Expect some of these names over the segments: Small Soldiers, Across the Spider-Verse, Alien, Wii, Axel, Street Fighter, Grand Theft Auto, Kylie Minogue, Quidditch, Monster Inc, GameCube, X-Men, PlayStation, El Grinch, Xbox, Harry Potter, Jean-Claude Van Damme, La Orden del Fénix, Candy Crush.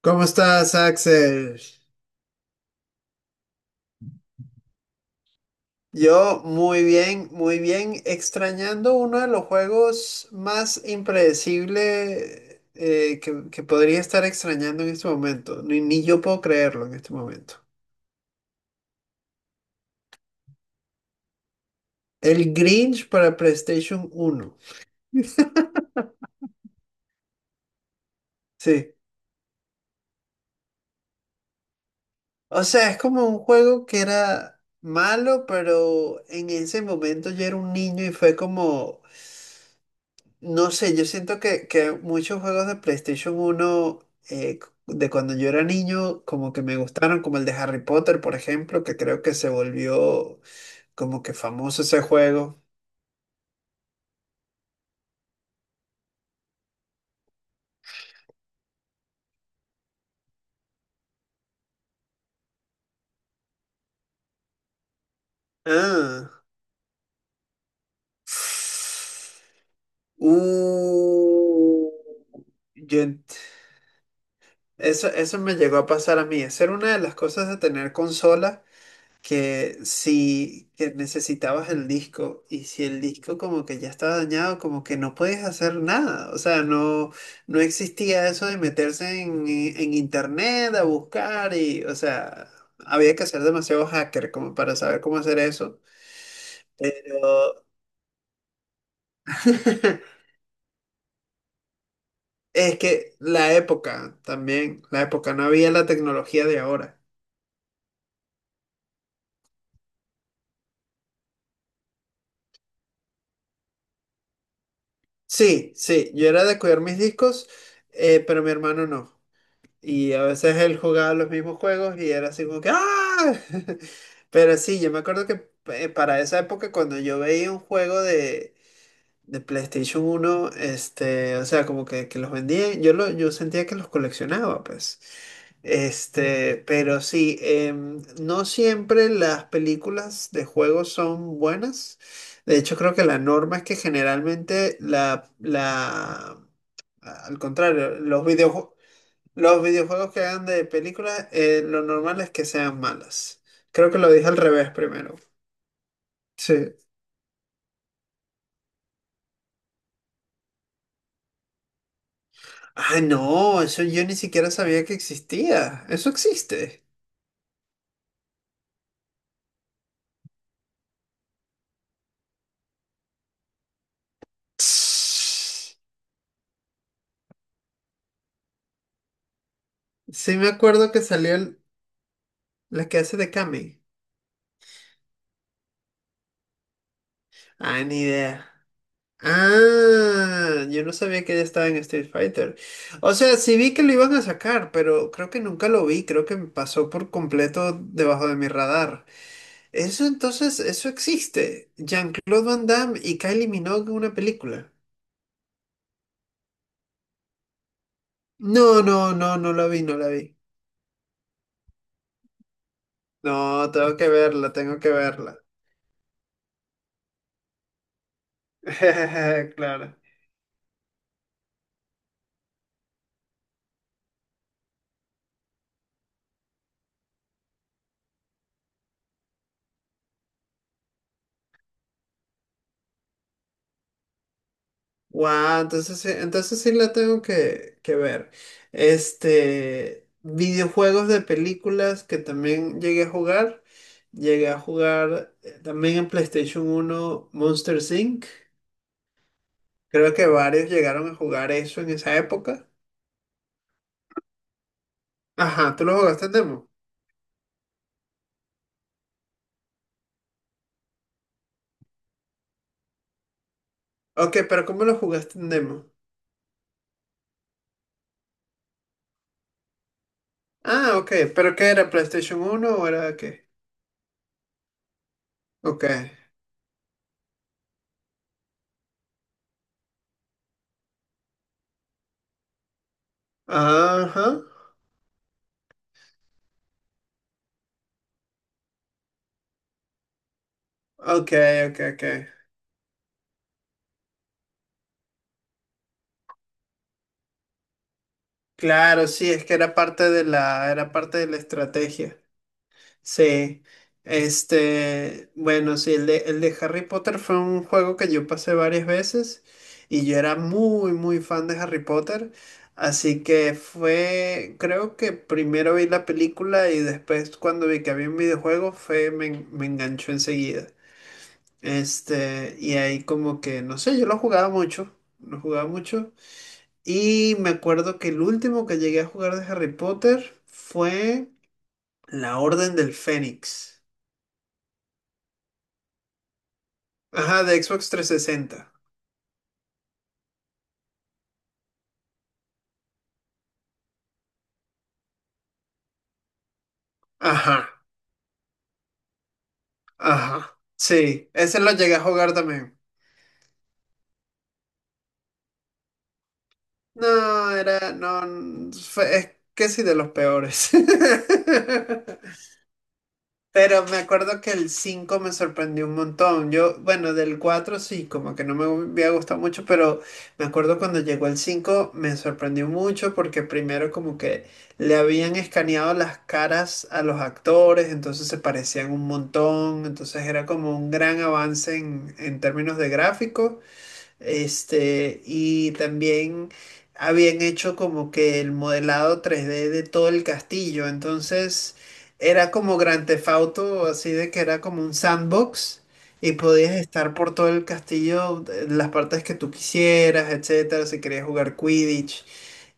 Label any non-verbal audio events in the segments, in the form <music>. ¿Cómo estás, Axel? Yo muy bien, extrañando uno de los juegos más impredecible que podría estar extrañando en este momento. Ni yo puedo creerlo en este momento. El Grinch para PlayStation uno. <laughs> Sí. O sea, es como un juego que era malo, pero en ese momento yo era un niño y fue como, no sé, yo siento que muchos juegos de PlayStation uno eh, de cuando yo era niño como que me gustaron, como el de Harry Potter, por ejemplo, que creo que se volvió como que famoso ese juego. Ah. Uh, yo ent- eso, eso me llegó a pasar a mí. Esa era una de las cosas de tener consola, que si que necesitabas el disco y si el disco como que ya estaba dañado, como que no puedes hacer nada, o sea, no, no existía eso de meterse en internet a buscar y, o sea, había que ser demasiado hacker como para saber cómo hacer eso. Yo- <laughs> Es que la época también, la época, no había la tecnología de ahora. Sí, sí, yo era de cuidar mis discos, pero mi hermano no. Y a veces él jugaba los mismos juegos y era así como que ¡ah! <laughs> Pero sí, yo me acuerdo que para esa época cuando yo veía un juego de PlayStation uno este, o sea, que los vendían, yo sentía que los coleccionaba, pues. Este, pero sí, no siempre las películas de juegos son buenas. De hecho, creo que la norma es que generalmente al contrario, los videojuegos que hagan de películas, lo normal es que sean malas. Creo que lo dije al revés primero. Sí. Ah, no, eso yo ni siquiera sabía que existía. Eso existe. Sí, me acuerdo que la que hace de Kami. Ah, ni idea. Ah, yo no sabía que ella estaba en Street Fighter. O sea, sí vi que lo iban a sacar, pero creo que nunca lo vi. Creo que me pasó por completo debajo de mi radar. Eso entonces, eso existe. Jean-Claude Van Damme y Kylie Minogue en una película. No, no, no, no la vi, no la vi. No, tengo que verla, tengo que verla. <laughs> Claro. Wow, entonces, entonces sí la tengo que ver. Este, videojuegos de películas que también llegué a jugar. Llegué a jugar también en PlayStation uno Monster Inc. Creo que varios llegaron a jugar eso en esa época. Ajá, ¿tú lo jugaste en demo? Ok, pero ¿cómo lo jugaste en demo? Ah, ok, pero ¿qué era? ¿PlayStation uno o era qué? Ok. Ajá. Ok, ok, ok. Claro, sí, es que era parte de era parte de la estrategia. Sí, este, bueno, sí, el de Harry Potter fue un juego que yo pasé varias veces y yo era muy, muy fan de Harry Potter, así que fue, creo que primero vi la película y después cuando vi que había un videojuego fue, me enganchó enseguida. Este, y ahí como que, no sé, yo lo jugaba mucho y me acuerdo que el último que llegué a jugar de Harry Potter fue La Orden del Fénix. Ajá, de Xbox trescientos sesenta. Ajá, ajá. Sí, ese lo llegué a jugar también. No, no, es que sí, de los peores. <laughs> Pero me acuerdo que el 5 me sorprendió un montón. Yo, bueno, del 4 sí, como que no me había gustado mucho, pero me acuerdo cuando llegó el 5 me sorprendió mucho porque primero como que le habían escaneado las caras a los actores, entonces se parecían un montón, entonces era como un gran avance en términos de gráfico. Este, y también habían hecho como que el modelado 3D de todo el castillo. Entonces era como Grand Theft Auto, así de que era como un sandbox y podías estar por todo el castillo, en las partes que tú quisieras, etcétera, si querías jugar Quidditch.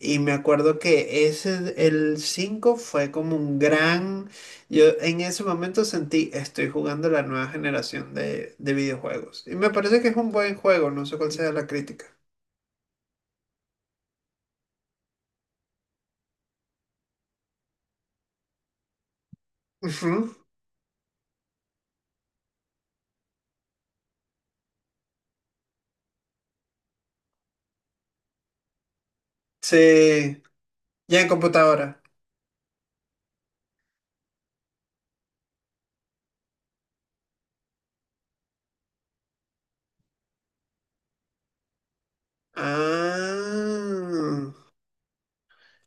Y me acuerdo que ese, el 5 fue como un gran... Yo en ese momento sentí, estoy jugando la nueva generación de videojuegos. Y me parece que es un buen juego, no sé cuál sea la crítica. Ujú. Sí, ya en computadora. Ah,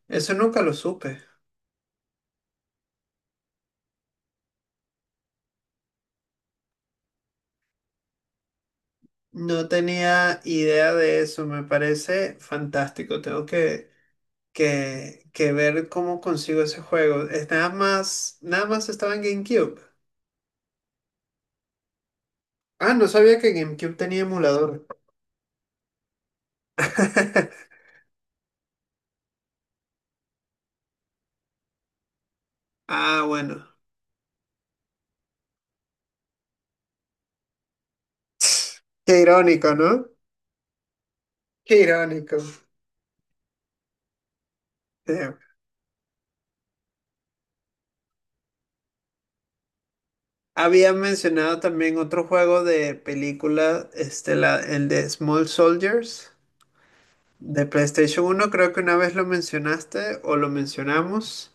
eso nunca lo supe. No tenía idea de eso, me parece fantástico. Tengo que ver cómo consigo ese juego. Es nada más, nada más estaba en GameCube. Ah, no sabía que GameCube tenía emulador. <laughs> Ah, bueno. Qué irónico, ¿no? Qué irónico. Sí. Había mencionado también otro juego de película, este, el de Small Soldiers, de PlayStation uno. Creo que una vez lo mencionaste o lo mencionamos.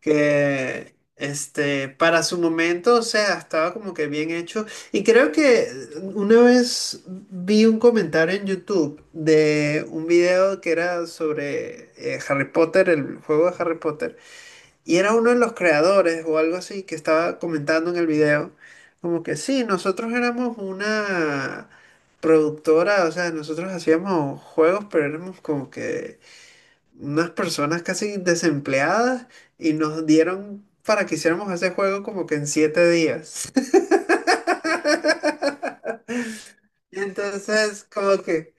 Que este, para su momento, o sea, estaba como que bien hecho. Y creo que una vez vi un comentario en YouTube de un video que era sobre Harry Potter, el juego de Harry Potter, y era uno de los creadores o algo así que estaba comentando en el video, como que sí, nosotros éramos una productora, o sea, nosotros hacíamos juegos, pero éramos como que unas personas casi desempleadas y nos dieron para que hiciéramos ese juego como que en siete días. <laughs> Y entonces, como que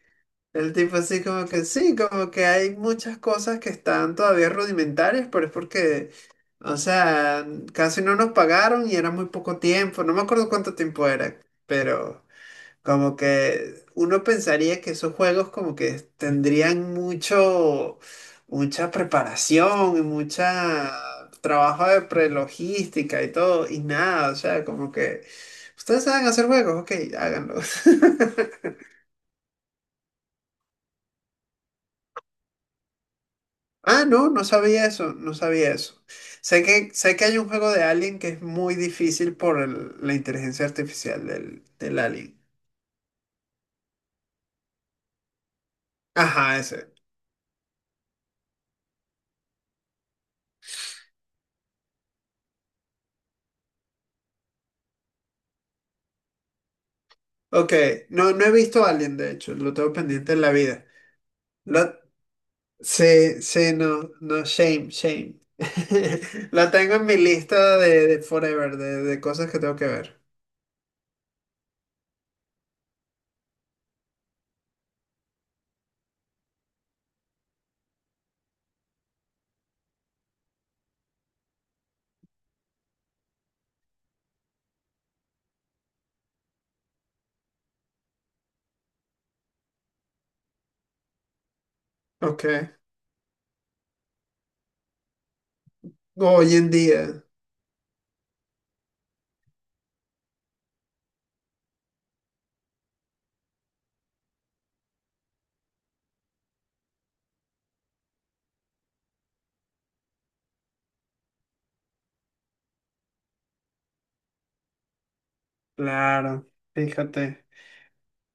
el tipo así, como que sí, como que hay muchas cosas que están todavía rudimentarias, pero es porque, o sea, casi no nos pagaron y era muy poco tiempo, no me acuerdo cuánto tiempo era, pero... Como que uno pensaría que esos juegos como que tendrían mucho, mucha preparación y mucha trabajo de prelogística y todo, y nada, o sea, como que ustedes saben hacer juegos, ok, háganlo. <laughs> Ah, no, no sabía eso, no sabía eso. Sé que hay un juego de Alien que es muy difícil por la inteligencia artificial del, del Alien. Ajá, ese. Ok, no, no he visto Alien, de hecho, lo tengo pendiente en la vida. Lo, Sí, sí, no, no, shame, shame. <laughs> La tengo en mi lista de forever, de cosas que tengo que ver. Ok. Hoy en día, claro, fíjate.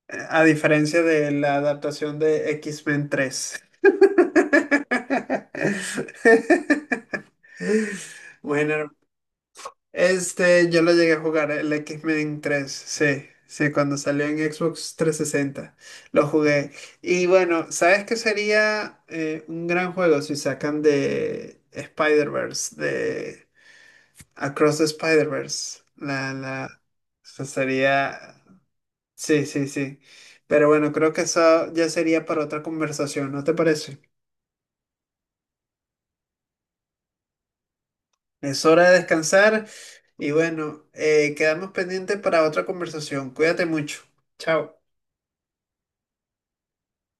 A diferencia de la adaptación de X-Men tres. <laughs> Bueno, este, yo lo llegué a jugar, el X-Men tres, sí, sí, cuando salió en Xbox trescientos sesenta, lo jugué. Y bueno, ¿sabes qué sería un gran juego si sacan de Spider-Verse, de Across the Spider-Verse? Eso sería, sí, sí, sí. Pero bueno, creo que eso ya sería para otra conversación, ¿no te parece? Es hora de descansar y bueno, quedamos pendientes para otra conversación. Cuídate mucho. Chao.